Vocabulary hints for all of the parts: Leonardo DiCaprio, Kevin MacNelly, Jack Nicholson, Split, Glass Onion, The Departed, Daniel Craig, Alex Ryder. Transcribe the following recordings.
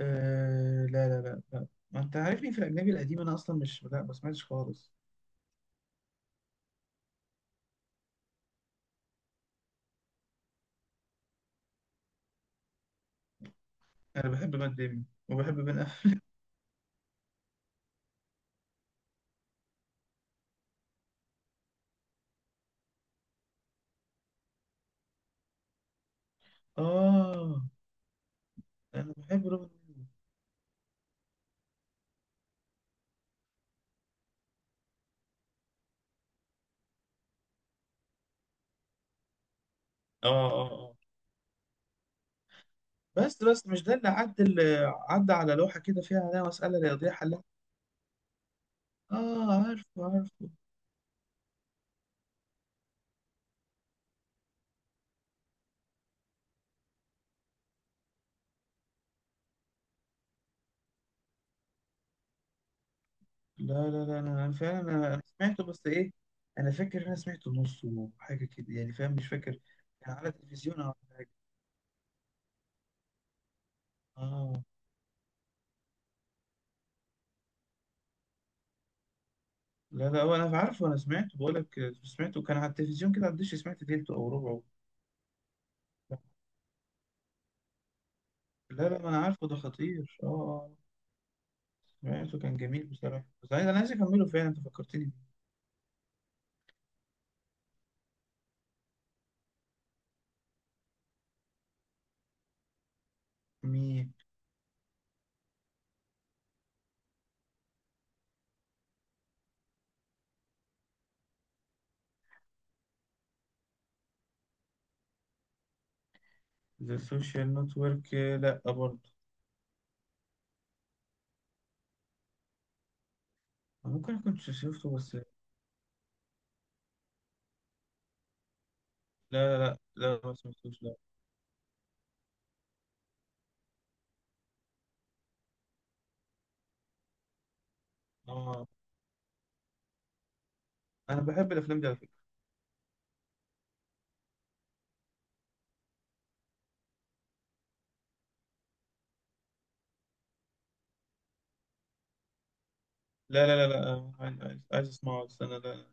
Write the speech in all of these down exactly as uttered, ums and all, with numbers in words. أه، لا لا لا لا، ما انت عارفني في الاجنبي القديم. انا اصلا مش لا ما سمعتش خالص. انا بحب مات ديمي وبحب بن اف. اه، انا بحب روبن ويليامز. اه اه اه. بس بس مش ده اللي عدى اللي عدى على لوحه كده، فيها عليها مساله لا يضيع حلها. اه، عارفه، عارفه. لا لا لا، انا أنا فعلا انا أنا سمعته. بس ايه؟ انا فاكر إن انا سمعته نصه، حاجه كده يعني. فاهم؟ مش فاكر. كان على التلفزيون. اه، لا لا، انا عارفه، انا سمعته، بقول لك سمعته كان على التلفزيون كده، على الدش، سمعت تلته او ربعه. لا لا، ما انا عارفه، ده خطير. اه. آه، آه، سمعته كان جميل بصراحه. بس عايز انا عايز اكمله فعلا، انت فكرتني بيه. مين؟ ذا سوشيال نتورك؟ لا برضه. أنا ممكن اكون شفته، بس لا لا لا لا، ما سمعتوش، لا. اه، انا بحب الافلام دي على فكره. لا لا لا لا، آه، عايز عايز عايز اسمعه، بس انا لا لا.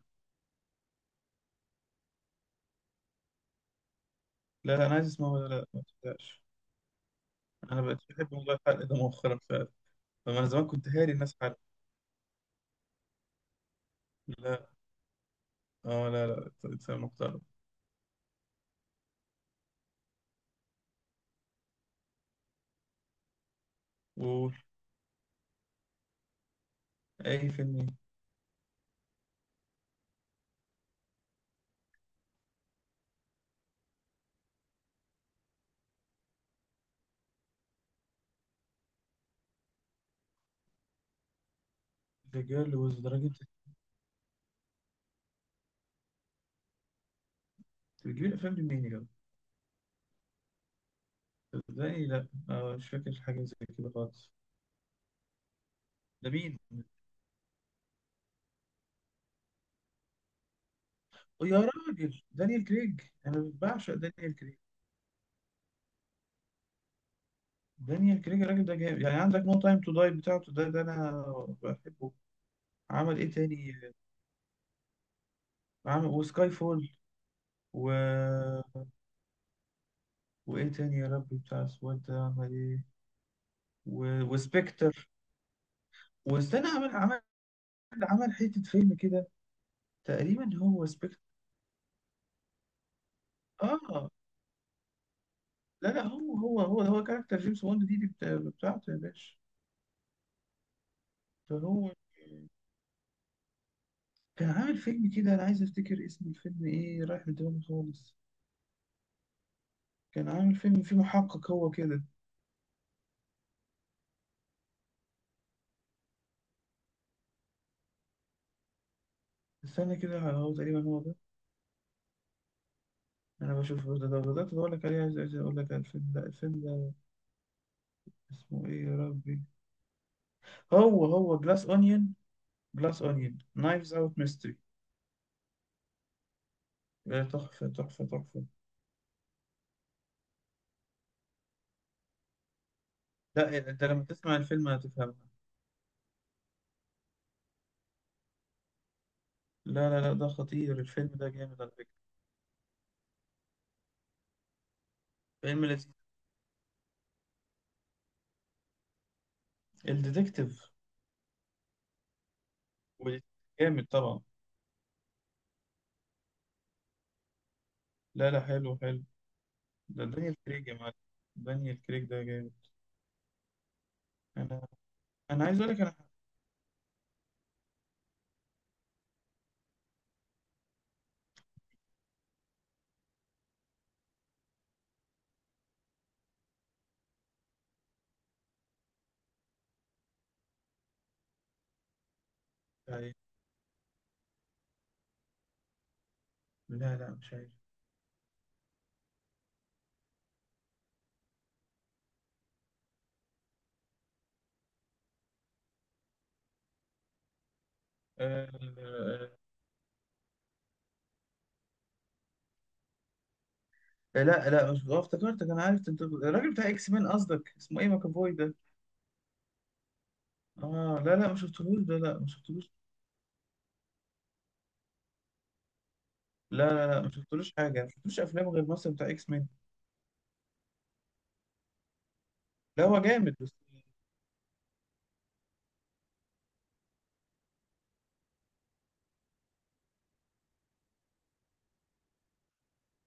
لا، انا عايز اسمعه، لا لا، ما تصدقش. انا بقيت بحب والله الحلقه ده مؤخرا فعلا. فانا زمان كنت هاري الناس حلقه. لا. اه، لا لا، اتس محترم. قول. اي فيلم؟ ذا جيرل وذ درجة؟ بتجيب الافلام دي منين يا جدع؟ ازاي؟ لا، آه مش فاكر حاجة زي كده خالص. ده مين؟ أو يا راجل، دانيال كريج! انا بعشق دانيال كريج. دانيال كريج الراجل ده جامد. يعني عندك نو تايم تو داي بتاعته، ده ده انا بحبه. عمل ايه تاني؟ عمل وسكاي فول. و. وايه تاني يا ربي؟ بتاع السواد ده عمل ايه؟ و... وسبكتر. واستنى، عمل عمل عمل حتة فيلم كده. تقريبا هو سبكتر. اه، لا لا، هو هو هو هو كاركتر جيمس بوند دي, دي, بتا- بتاعته يا باشا. ده هو. كان عامل فيلم كده، انا عايز افتكر اسم الفيلم ايه، رايح من دماغي خالص. كان عامل فيلم فيه محقق هو كده. استنى كده، هو تقريبا هو ده. انا بشوف ده ده بدات اقول لك عليه. عايز عايز اقول لك على الفيلم ده الفيلم ده. اسمه ايه يا ربي؟ هو هو جلاس اونيون. جلاس اونيون، نايفز اوت ميستري. تحفه، تحفه، تحفه! لا، انت لما تسمع الفيلم هتفهمها. لا لا لا، ده خطير، الفيلم ده جامد على فكره. فيلم لذيذ. الديتكتيف. جامد طبعا. لا لا، حلو حلو. ده دانيال كريج يا معلم. دانيال كريج ده جامد. انا. انا عايز اقول لك، انا حقت عليه. لا لا، مش عارف. آه... آه، لا لا، مش آه، افتكرتك، انا عارف انت الراجل بتاع اكس مان، قصدك اسمه ايه ماكافوي ده؟ اه، لا لا، ما شفتهوش ده، لا، ما شفتهوش. لا لا لا، ما شفتلوش حاجه، ما شفتلوش افلام، غير مثلا بتاع اكس مان. لا، هو جامد بس.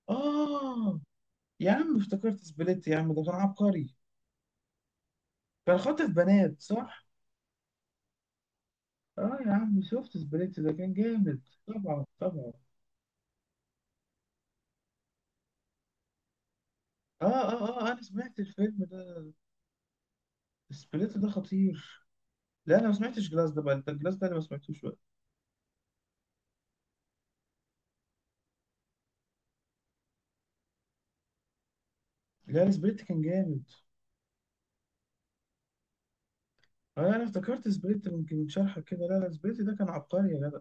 اه يا عم، افتكرت سبليت يا عم، ده كان عبقري. كان خاطف بنات، صح؟ اه يا عم، شفت سبليت ده كان جامد. طبعا، طبعا. اه اه اه، انا سمعت الفيلم ده. سبليت ده خطير. لا انا ما سمعتش جلاس ده بقى، انت الجلاس ده انا ما سمعتوش بقى. لا، سبليت كان جامد. اه، انا افتكرت سبليت ممكن شرحك كده، لا لا، سبليت ده كان عبقري يا جدع.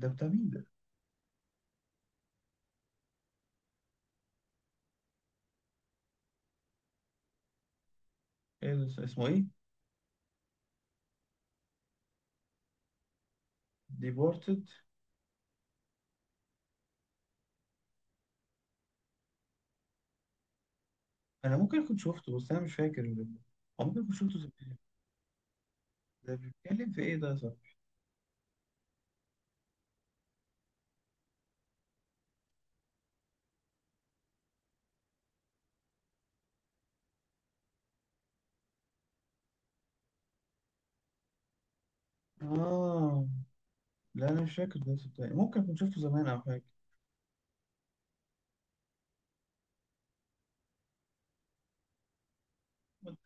ده بتاع مين ده؟ إيه؟ اللي اسمه ايه؟ ديبورتد؟ انا ممكن كنت شفته، بس انا مش فاكر. او ممكن كنت شفته زمان. ده بيتكلم في ايه ده؟ صح؟ اه، لا انا مش فاكر ده صدقني، ممكن كنت شفته زمان او حاجه.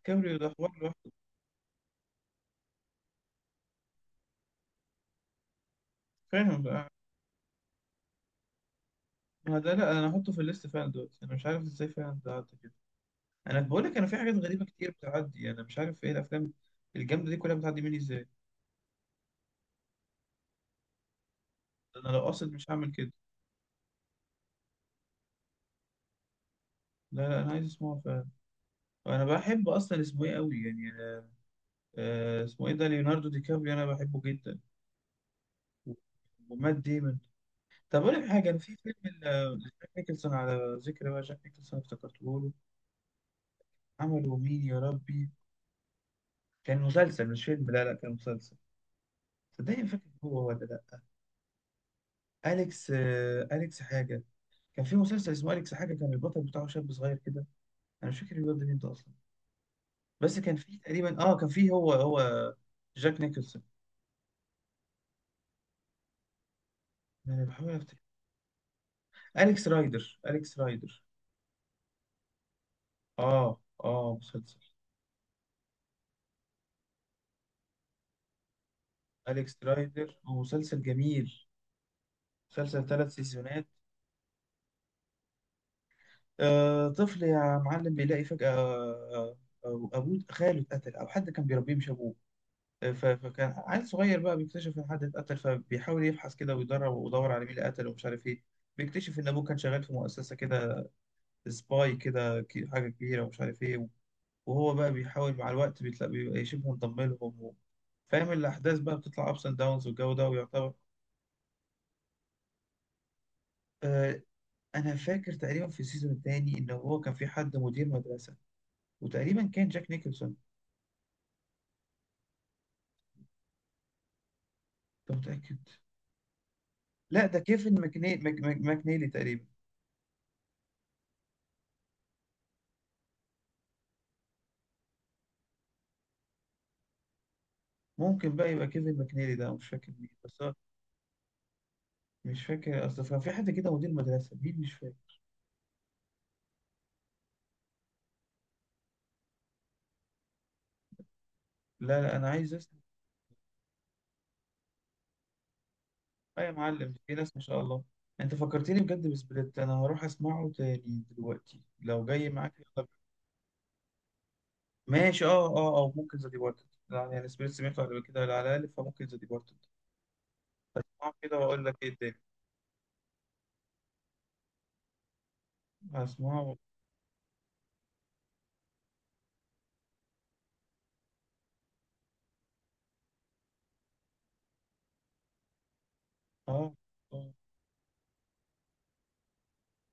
كابريو ده حوار لوحده. فاهم. ما ده، لا انا هحطه في الليست فعلا دلوقتي. انا مش عارف ازاي فعلا ده عدى كده. انا بقول لك، انا في حاجات غريبه كتير بتعدي، انا مش عارف ايه الافلام الجامده دي كلها بتعدي مني ازاي. ده انا لو قاصد مش هعمل كده. لا لا، انا عايز اسمعه فعلا. انا بحب اصلا، اسمه ايه قوي يعني. أنا- آه اسمه ايه ده ليوناردو دي كابريو، انا بحبه جدا. و- ومات ديمون. طب اقول لك حاجه، انا في فيلم ل- لجاك نيكلسون. على ذكر بقى جاك نيكلسون، افتكرته له. عمله مين يا ربي؟ كان مسلسل مش فيلم، لا لا، كان مسلسل. صدقني، ما فاكر هو ولا لا. أليكس آه، أليكس حاجة. كان في مسلسل اسمه اليكس حاجه، كان البطل بتاعه شاب صغير كده. انا مش فاكر الواد ده مين ده اصلا. بس كان في تقريبا، اه كان في، هو هو جاك نيكلسون. انا بحاول افتكر. اليكس رايدر، اليكس رايدر. اه اه، مسلسل. اليكس رايدر هو مسلسل جميل. مسلسل ثلاث سيزونات. آه طفل يا معلم بيلاقي فجاه، آه، آه، ابوه، خاله اتقتل، او حد كان بيربيه مش ابوه. ف- فكان عيل صغير بقى بيكتشف ان حد اتقتل، فبيحاول يبحث كده ويدرب ويدور على مين اللي قتله ومش عارف ايه. بيكتشف ان ابوه كان شغال في مؤسسه كده. سباي كده، كي- حاجه كبيره، ومش عارف ايه. وهو بقى بيحاول مع الوقت، بيتلاقي بيبقى شبه انضم لهم و... فاهم؟ الاحداث بقى بتطلع ابس اند داونز والجو ده، ويعتبر. آه انا فاكر تقريبا في السيزون الثاني، ان هو كان في حد مدير مدرسه. وتقريبا كان جاك نيكلسون. انت متاكد؟ لا، ده كيفن ماكني... ماك... ماك... ماكنيلي تقريبا. ممكن بقى يبقى كيفن ماكنيلي ده، مش فاكر مين بس. مش فاكر، اصل كان في حد كده مدير مدرسه مين، مش فاكر. لا لا، انا عايز اسمع. اه يا معلم، في ناس ما شاء الله. انت فكرتني بجد بسبليت، انا هروح اسمعه تاني دلوقتي، لو جاي معاك يلا. ماشي، اه اه، او ممكن ذا ديبارتد، لا يعني سبليت سمعته قبل كده على الاقل، فممكن ذا ديبارتد. هسمعه كده واقول لك ايه الدنيا. هسمعه. اه اه.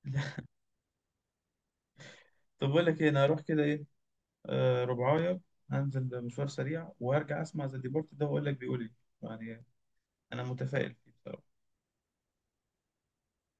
طب بقول لك ايه، انا هروح كده ايه. آه ربعايه. هنزل مشوار سريع وهرجع اسمع ذا ديبارتد ده، واقول لك بيقول ايه. يعني. انا متفائل فيه بصراحة.